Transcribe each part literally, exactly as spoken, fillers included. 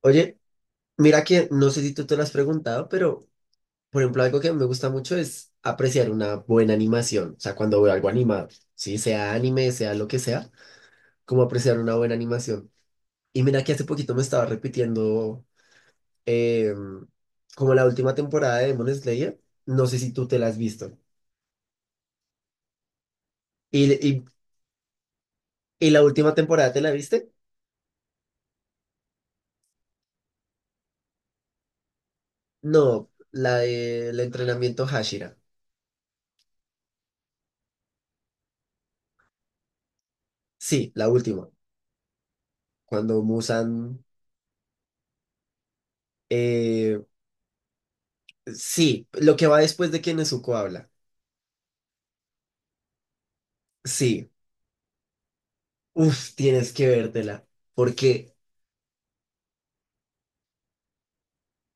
Oye, mira que no sé si tú te lo has preguntado, pero por ejemplo, algo que me gusta mucho es apreciar una buena animación. O sea, cuando veo algo animado, sí, sea anime, sea lo que sea, como apreciar una buena animación. Y mira que hace poquito me estaba repitiendo eh, como la última temporada de Demon Slayer. No sé si tú te la has visto. ¿Y, y, y la última temporada te la viste? No, la del entrenamiento Hashira. Sí, la última. Cuando Musan. eh, Sí, lo que va después de que Nezuko habla. Sí, uf, tienes que vértela. Porque,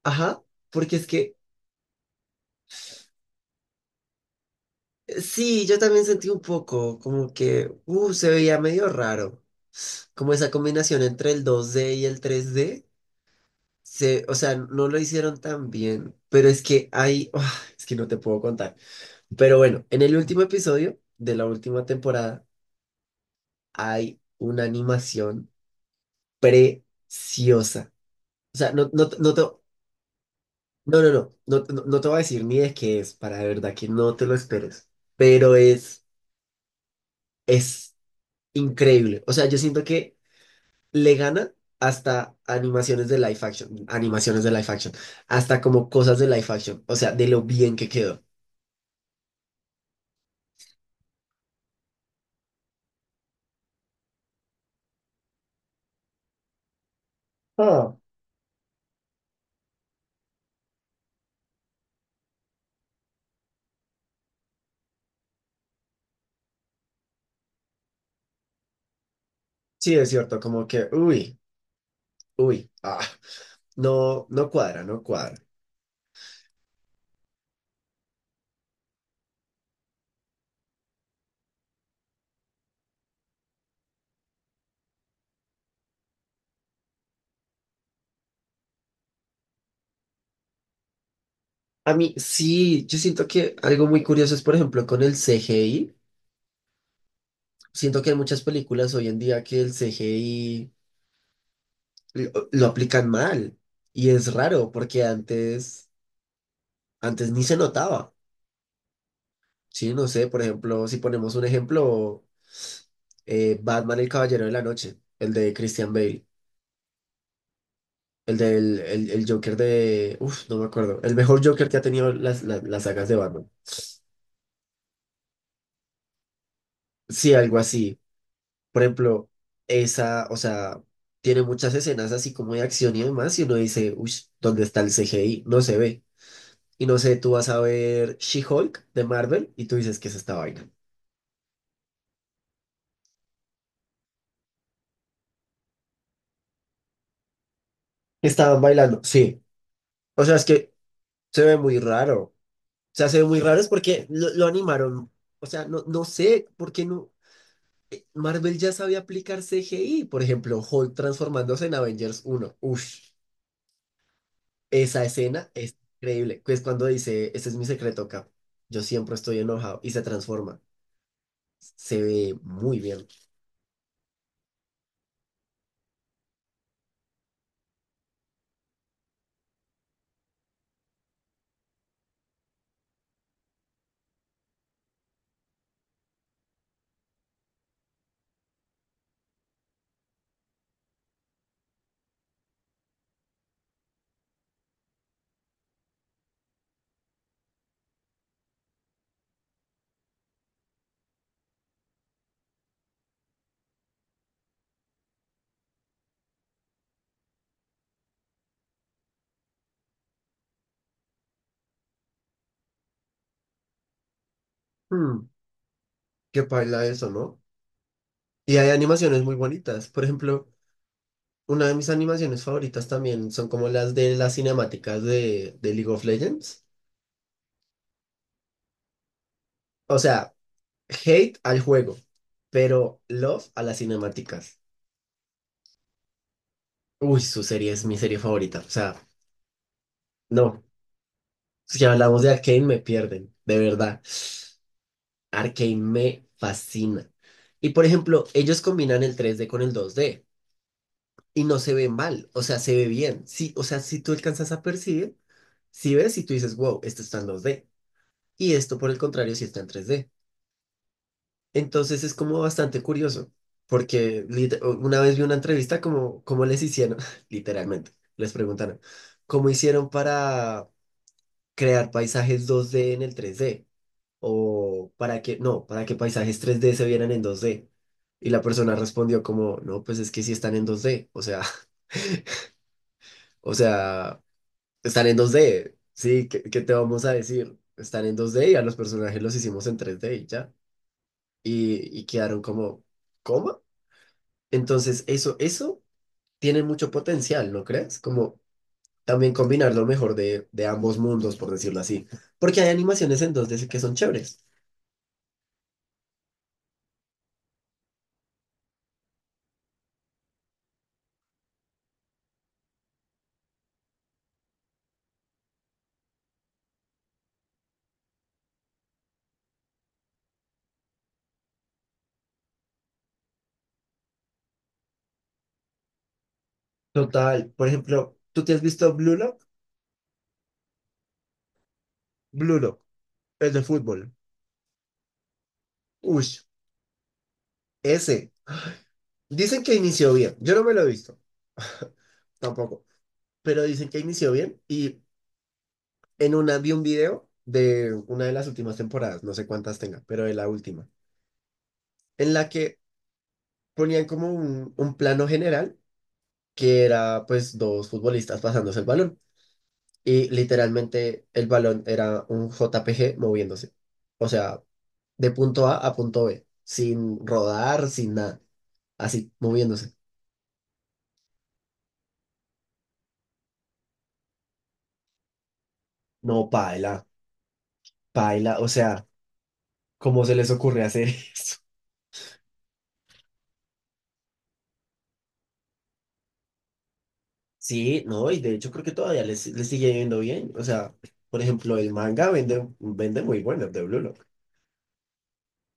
ajá, porque es que, eh, sí, yo también sentí un poco como que, uh, se veía medio raro. Como esa combinación entre el dos d y el tres d. Se, o sea, no lo hicieron tan bien. Pero es que hay, ah, es que no te puedo contar. Pero bueno, en el último episodio de la última temporada hay una animación preciosa. O sea, no, no, no te- No, no, no, no, no, no te voy a decir ni de qué es, para de verdad que no te lo esperes, pero es, es increíble. O sea, yo siento que le gana hasta animaciones de live action, animaciones de live action, hasta como cosas de live action, o sea, de lo bien que quedó. Ah. Sí, es cierto, como que, uy, uy, ah, no, no cuadra, no cuadra. A mí sí, yo siento que algo muy curioso es, por ejemplo, con el C G I. Siento que hay muchas películas hoy en día que el C G I lo, lo aplican mal. Y es raro porque antes, antes ni se notaba. Sí, no sé, por ejemplo, si ponemos un ejemplo, eh, Batman el Caballero de la Noche, el de Christian Bale, el del el, el Joker de... Uf, no me acuerdo. El mejor Joker que ha tenido las, las las sagas de Batman. Sí, algo así. Por ejemplo, esa, o sea, tiene muchas escenas así como de acción y demás, y uno dice, uy, ¿dónde está el C G I? No se ve. Y no sé, tú vas a ver She-Hulk de Marvel y tú dices, que es esta vaina? Estaban bailando, sí. O sea, es que se ve muy raro. O sea, se ve muy raro es porque lo, lo animaron. O sea, no, no sé por qué no. Marvel ya sabía aplicar C G I. Por ejemplo, Hulk transformándose en Avengers uno. Uff, esa escena es increíble. Que Es cuando dice, este es mi secreto, Cap. Yo siempre estoy enojado y se transforma. Se ve muy bien. Hmm, qué paila eso, ¿no? Y hay animaciones muy bonitas. Por ejemplo, una de mis animaciones favoritas también son como las de las cinemáticas de, de League of Legends. O sea, hate al juego, pero love a las cinemáticas. Uy, su serie es mi serie favorita. O sea, no. Si hablamos de Arcane, me pierden, de verdad. Arcane me fascina. Y por ejemplo, ellos combinan el tres d con el dos d y no se ve mal, o sea, se ve bien. Sí, o sea, si tú alcanzas a percibir, si ves y tú dices, wow, esto está en dos d. Y esto, por el contrario, sí está en tres d. Entonces es como bastante curioso, porque lit- una vez vi una entrevista como cómo les hicieron, literalmente, les preguntaron, ¿cómo hicieron para crear paisajes dos d en el tres d? O para que, no, para que paisajes tres d se vieran en dos d. Y la persona respondió como, no, pues es que sí están en dos d, o sea, o sea, están en dos d, sí, ¿qué, qué te vamos a decir? Están en dos d y a los personajes los hicimos en tres d y ya. Y, y quedaron como, ¿cómo? Entonces, eso, eso tiene mucho potencial, ¿no crees? Como también combinar lo mejor de, de ambos mundos, por decirlo así. Porque hay animaciones en dos d que son chéveres. Total, por ejemplo, ¿tú te has visto Blue Lock? Blue Lock, el de fútbol. Ush, ese. Dicen que inició bien. Yo no me lo he visto. Tampoco. Pero dicen que inició bien y en una vi un video de una de las últimas temporadas, no sé cuántas tenga, pero de la última, en la que ponían como un, un plano general que era pues dos futbolistas pasándose el balón. Y literalmente el balón era un J P G moviéndose. O sea, de punto A a punto B, sin rodar, sin nada, así moviéndose. No, paila, paila, o sea, ¿cómo se les ocurre hacer? Sí, no, y de hecho creo que todavía les, les sigue yendo bien. O sea, por ejemplo, el manga vende, vende muy bueno de Blue Lock.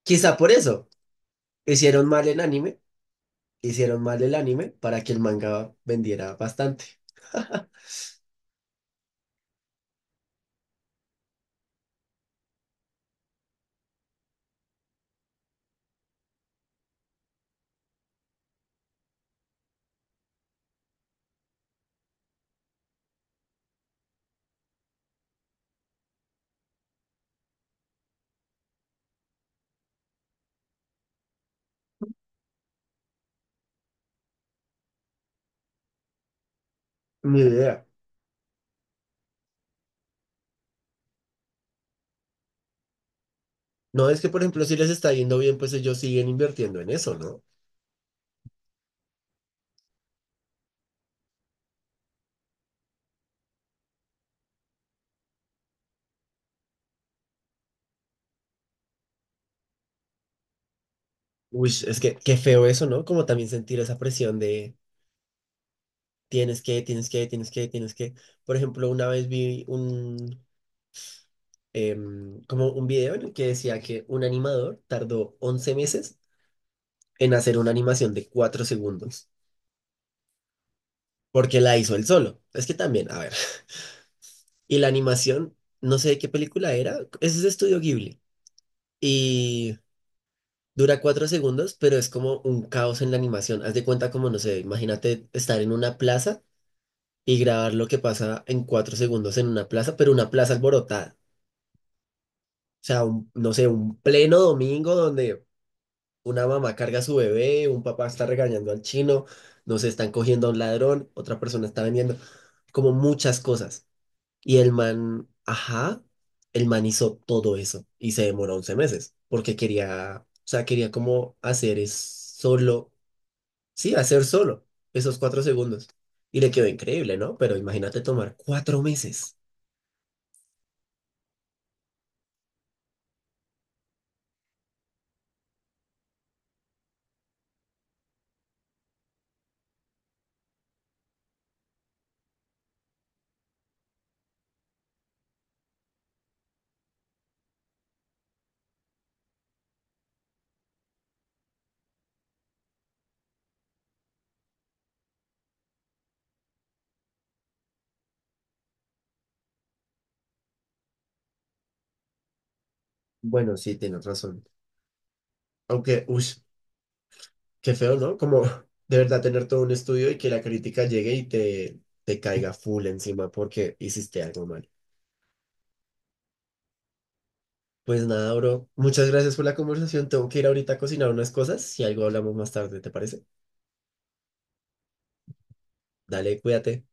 Quizá por eso hicieron mal el anime, hicieron mal el anime para que el manga vendiera bastante. Ni idea. No, es que, por ejemplo, si les está yendo bien, pues ellos siguen invirtiendo en eso, ¿no? Uy, es que qué feo eso, ¿no? Como también sentir esa presión de tienes que, tienes que, tienes que, tienes que. Por ejemplo, una vez vi un, em, como un video en el que decía que un animador tardó once meses en hacer una animación de cuatro segundos, porque la hizo él solo. Es que también, a ver. Y la animación, no sé de qué película era, es de Estudio Ghibli. Y dura cuatro segundos, pero es como un caos en la animación. Haz de cuenta como, no sé, imagínate estar en una plaza y grabar lo que pasa en cuatro segundos en una plaza, pero una plaza alborotada. O sea, un- no sé, un pleno domingo donde una mamá carga a su bebé, un papá está regañando al chino, no sé, están cogiendo a un ladrón, otra persona está vendiendo, como muchas cosas. Y el man, ajá, el man hizo todo eso y se demoró once meses porque quería, o sea, quería como hacer es solo. Sí, hacer solo esos cuatro segundos. Y le quedó increíble, ¿no? Pero imagínate tomar cuatro meses. Bueno, sí, tienes razón. Aunque, uy, qué feo, ¿no? Como de verdad tener todo un estudio y que la crítica llegue y te, te caiga full encima porque hiciste algo mal. Pues nada, bro. Muchas gracias por la conversación. Tengo que ir ahorita a cocinar unas cosas. Si algo hablamos más tarde, ¿te parece? Dale, cuídate.